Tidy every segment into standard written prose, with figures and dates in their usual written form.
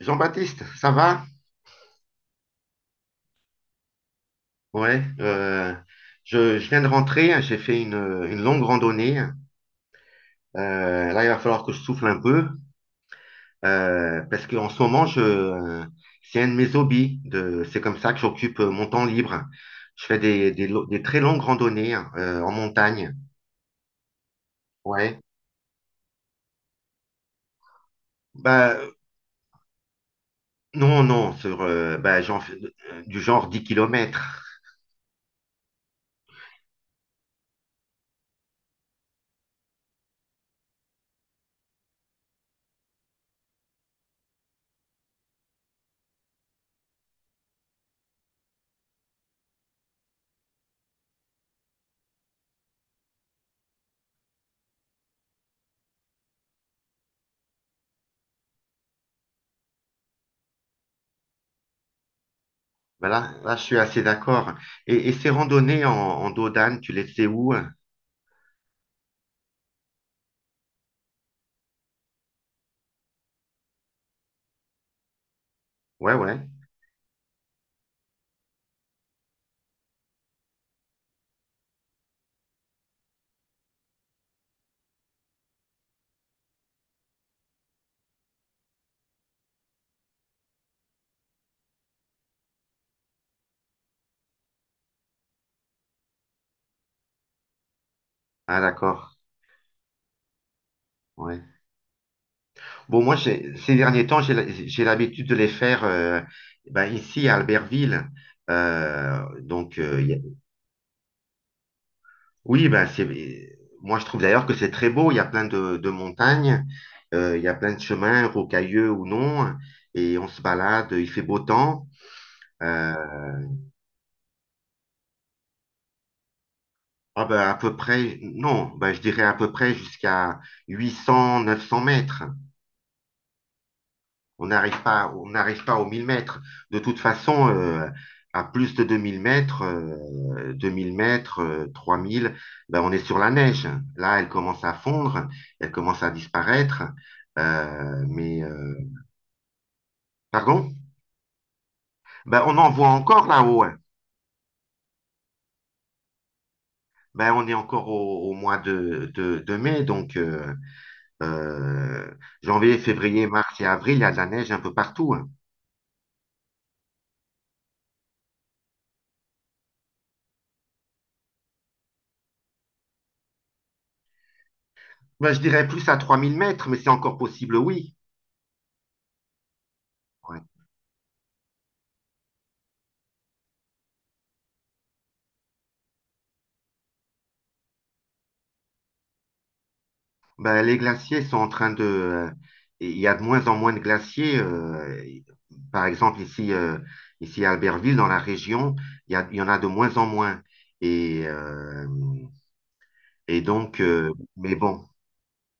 Jean-Baptiste, ça va? Ouais, je viens de rentrer, hein, j'ai fait une longue randonnée. Là, il va falloir que je souffle un peu parce qu'en ce moment, c'est un de mes hobbies. C'est comme ça que j'occupe mon temps libre. Je fais des très longues randonnées, hein, en montagne. Ouais. Bah, non, non, bah, j'en fais du genre 10 kilomètres. Voilà, là, je suis assez d'accord. Et ces randonnées en dos d'âne, tu les fais où? Ouais, ouais. Ah, d'accord. Ouais. Bon, moi, ces derniers temps, j'ai l'habitude de les faire, ben, ici à Albertville. Donc, oui, ben, moi, je trouve d'ailleurs que c'est très beau. Il y a plein de montagnes, il y a plein de chemins, rocailleux ou non, et on se balade, il fait beau temps. Euh, ah ben, à peu près, non, ben, je dirais à peu près jusqu'à 800, 900 mètres. On n'arrive pas aux 1 000 mètres. De toute façon, à plus de deux mille mètres, 3 000, ben on est sur la neige. Là, elle commence à fondre, elle commence à disparaître. Mais, pardon? Ben, on en voit encore là-haut, hein. Ben, on est encore au mois de mai, donc euh, janvier, février, mars et avril, il y a de la neige un peu partout, hein. Ben, je dirais plus à 3 000 mètres, mais c'est encore possible, oui. Ouais. Ben, les glaciers sont en train de. Il y a de moins en moins de glaciers. Par exemple, ici à Albertville, dans la région, il y en a de moins en moins. Et, euh, et donc, mais bon,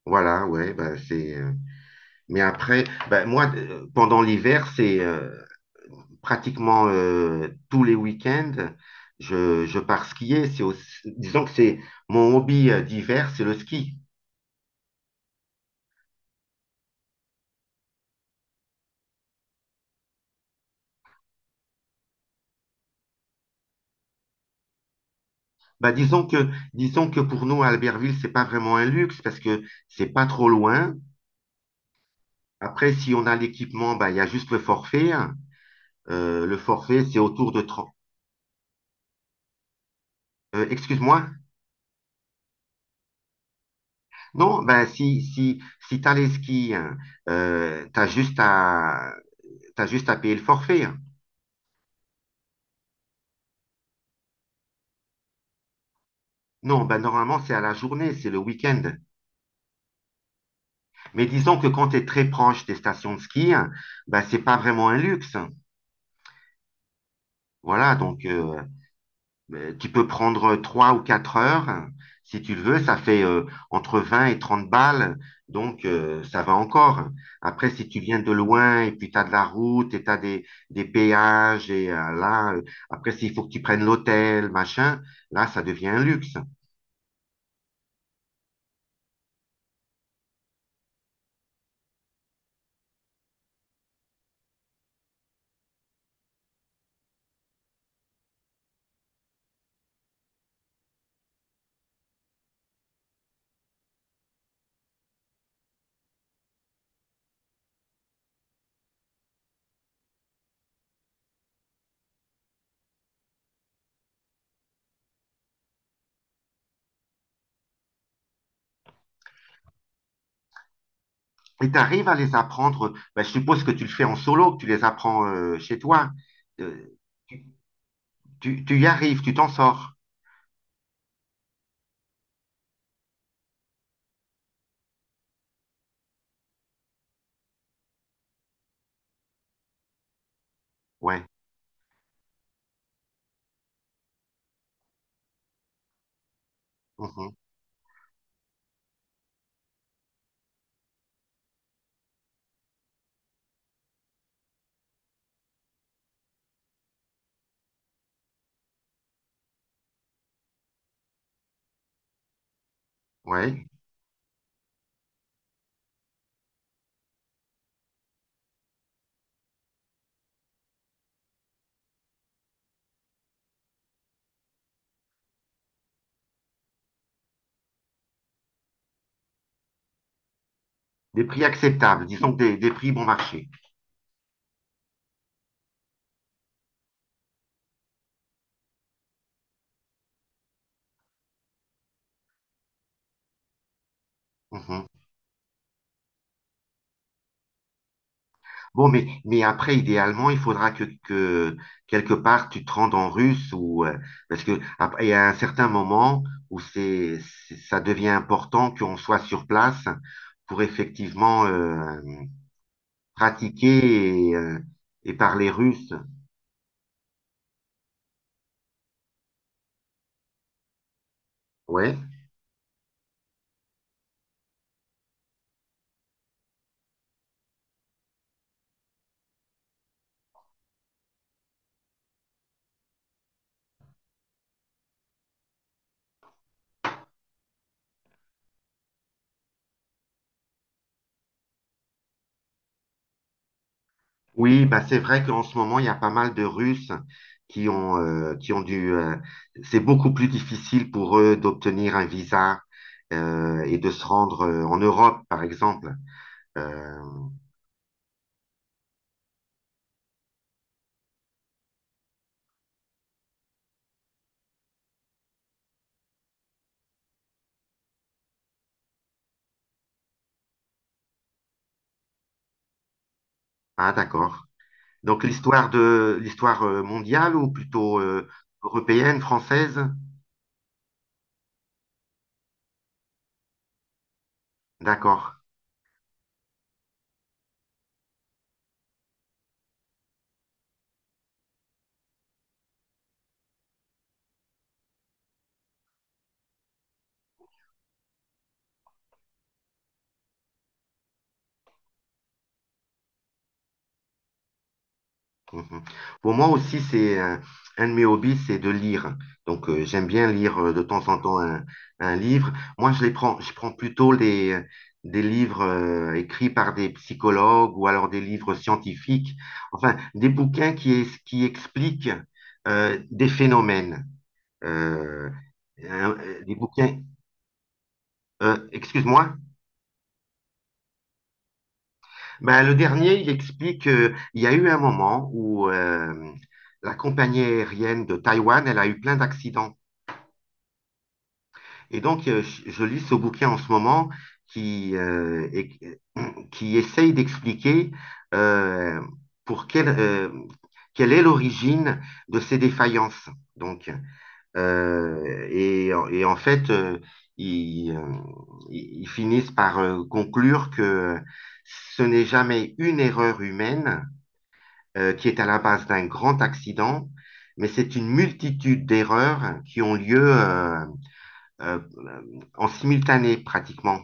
voilà, ouais, ben, mais après, ben, moi, pendant l'hiver, c'est pratiquement tous les week-ends, je pars skier. Disons que c'est mon hobby d'hiver, c'est le ski. Bah, disons que pour nous, à Albertville, c'est pas vraiment un luxe parce que c'est pas trop loin. Après, si on a l'équipement, bah, il y a juste le forfait, hein. Le forfait, c'est autour de 30. Excuse-moi. Non, bah, si t'as les skis, hein, euh, t'as juste à, t'as juste à payer le forfait, hein. Non, bah, normalement, c'est à la journée, c'est le week-end. Mais disons que quand t'es très proche des stations de ski, hein, bah, c'est pas vraiment un luxe, hein. Voilà, donc, tu peux prendre, 3 ou 4 heures, hein, si tu le veux, ça fait, entre 20 et 30 balles, donc ça va encore. Après, si tu viens de loin et puis tu as de la route et tu as des péages et là, après s'il faut que tu prennes l'hôtel, machin, là, ça devient un luxe. Et tu arrives à les apprendre, ben, je suppose que tu le fais en solo, que tu les apprends, chez toi. Euh, tu, tu y arrives, tu t'en sors. Ouais. Mhm. Ouais. Des prix acceptables, disons que des prix bon marché. Mhm. Bon, mais après, idéalement, il faudra que quelque part tu te rendes en russe ou parce que après, il y a un certain moment où ça devient important qu'on soit sur place pour effectivement pratiquer et parler russe. Ouais. Oui, bah c'est vrai qu'en ce moment, il y a pas mal de Russes qui ont dû c'est beaucoup plus difficile pour eux d'obtenir un visa, et de se rendre, en Europe, par exemple. Euh, Ah, d'accord. Donc l'histoire, mondiale ou plutôt européenne, française? D'accord. Mhm. Pour moi aussi, c'est un de mes hobbies, c'est de lire. Donc j'aime bien lire, de temps en temps un livre. Moi, je prends plutôt des livres, écrits par des psychologues ou alors des livres scientifiques. Enfin, des bouquins qui expliquent, des phénomènes. Euh, des bouquins. Excuse-moi. Ben, le dernier, il explique qu'il y a eu un moment où la compagnie aérienne de Taïwan, elle a eu plein d'accidents. Et donc, je lis ce bouquin en ce moment qui, euh, et- euh, qui essaye d'expliquer, euh, pour quelle, euh, quelle est l'origine de ces défaillances. Donc, et en fait, ils, euh, ils finissent par, conclure que ce n'est jamais une erreur humaine, qui est à la base d'un grand accident, mais c'est une multitude d'erreurs qui ont lieu, euh, en simultané pratiquement.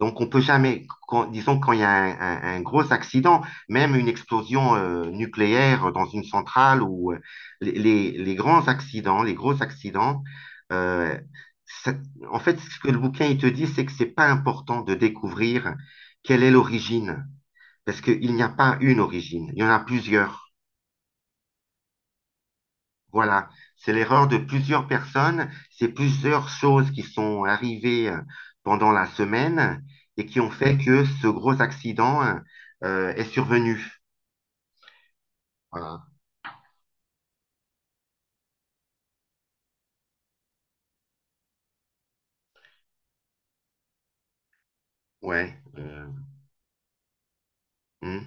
Donc on peut jamais, disons quand il y a un gros accident, même une explosion, nucléaire dans une centrale ou les, grands accidents, les gros accidents, euh, ça- en fait ce que le bouquin il te dit, c'est que c'est pas important de découvrir quelle est l'origine, parce qu'il n'y a pas une origine, il y en a plusieurs. Voilà, c'est l'erreur de plusieurs personnes, c'est plusieurs choses qui sont arrivées, pendant la semaine et qui ont fait que ce gros accident, est survenu. Voilà, ouais. Hmm.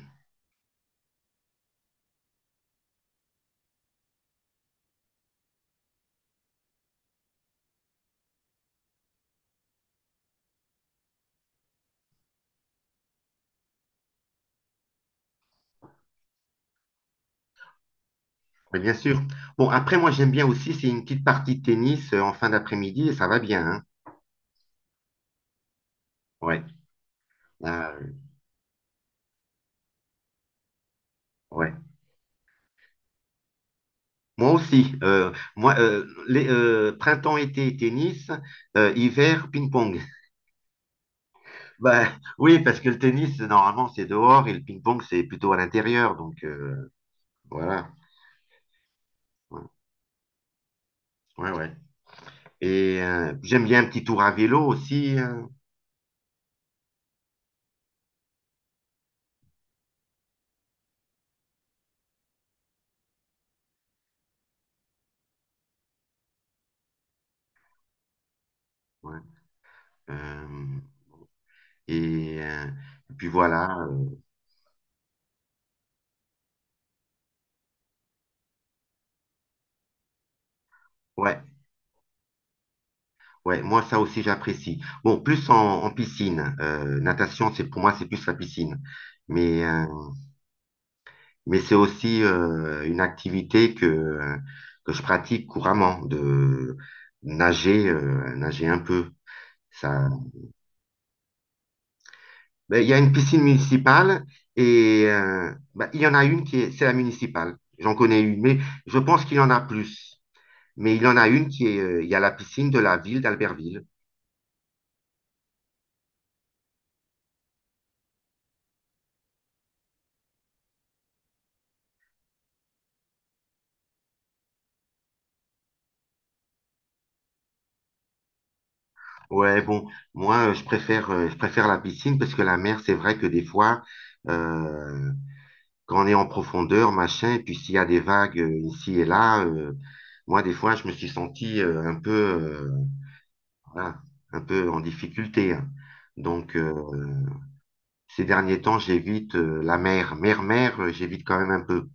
Mais bien sûr. Bon, après, moi, j'aime bien aussi, c'est une petite partie de tennis, en fin d'après-midi et ça va bien, hein. Ouais. Euh, ouais. Moi aussi. Moi, printemps, été, tennis, hiver, ping-pong. Bah, oui, parce que le tennis, normalement, c'est dehors et le ping-pong, c'est plutôt à l'intérieur. Donc, voilà. Ouais, ouais, ouais. Et j'aime bien un petit tour à vélo aussi. Ouais. Euh, et, euh, et puis voilà. Ouais, ouais, moi, ça aussi, j'apprécie. Bon, plus en, piscine. Natation, c'est pour moi, c'est plus la piscine. Mais, euh, mais c'est aussi, une activité que je pratique couramment, de nager un peu. Ça. Ben, il y a une piscine municipale et ben, il y en a une c'est la municipale. J'en connais une, mais je pense qu'il y en a plus. Mais il y en a une il y a la piscine de la ville d'Albertville. Ouais, bon, moi, je préfère la piscine parce que la mer, c'est vrai que des fois, euh, quand on est en profondeur, machin, et puis s'il y a des vagues, ici et là, moi, des fois, je me suis senti, un peu, voilà, un peu en difficulté, hein. Donc, ces derniers temps, j'évite, la mer. Mer, mer, j'évite quand même un peu.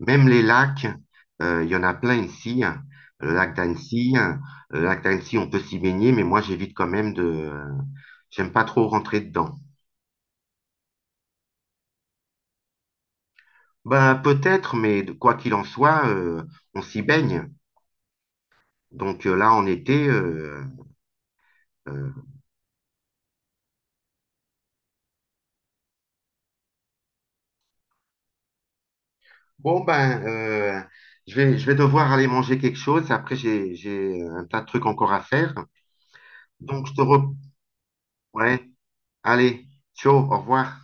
Même les lacs, il y en a plein ici, hein. Le lac d'Annecy, hein. Le lac d'Annecy, on peut s'y baigner, mais moi, j'évite quand même de. J'aime pas trop rentrer dedans. Ben, peut-être, mais quoi qu'il en soit, on s'y baigne. Donc là, en été, euh, bon, ben, je vais devoir aller manger quelque chose. Après, j'ai un tas de trucs encore à faire. Donc, je te re... Ouais, allez, ciao, au revoir.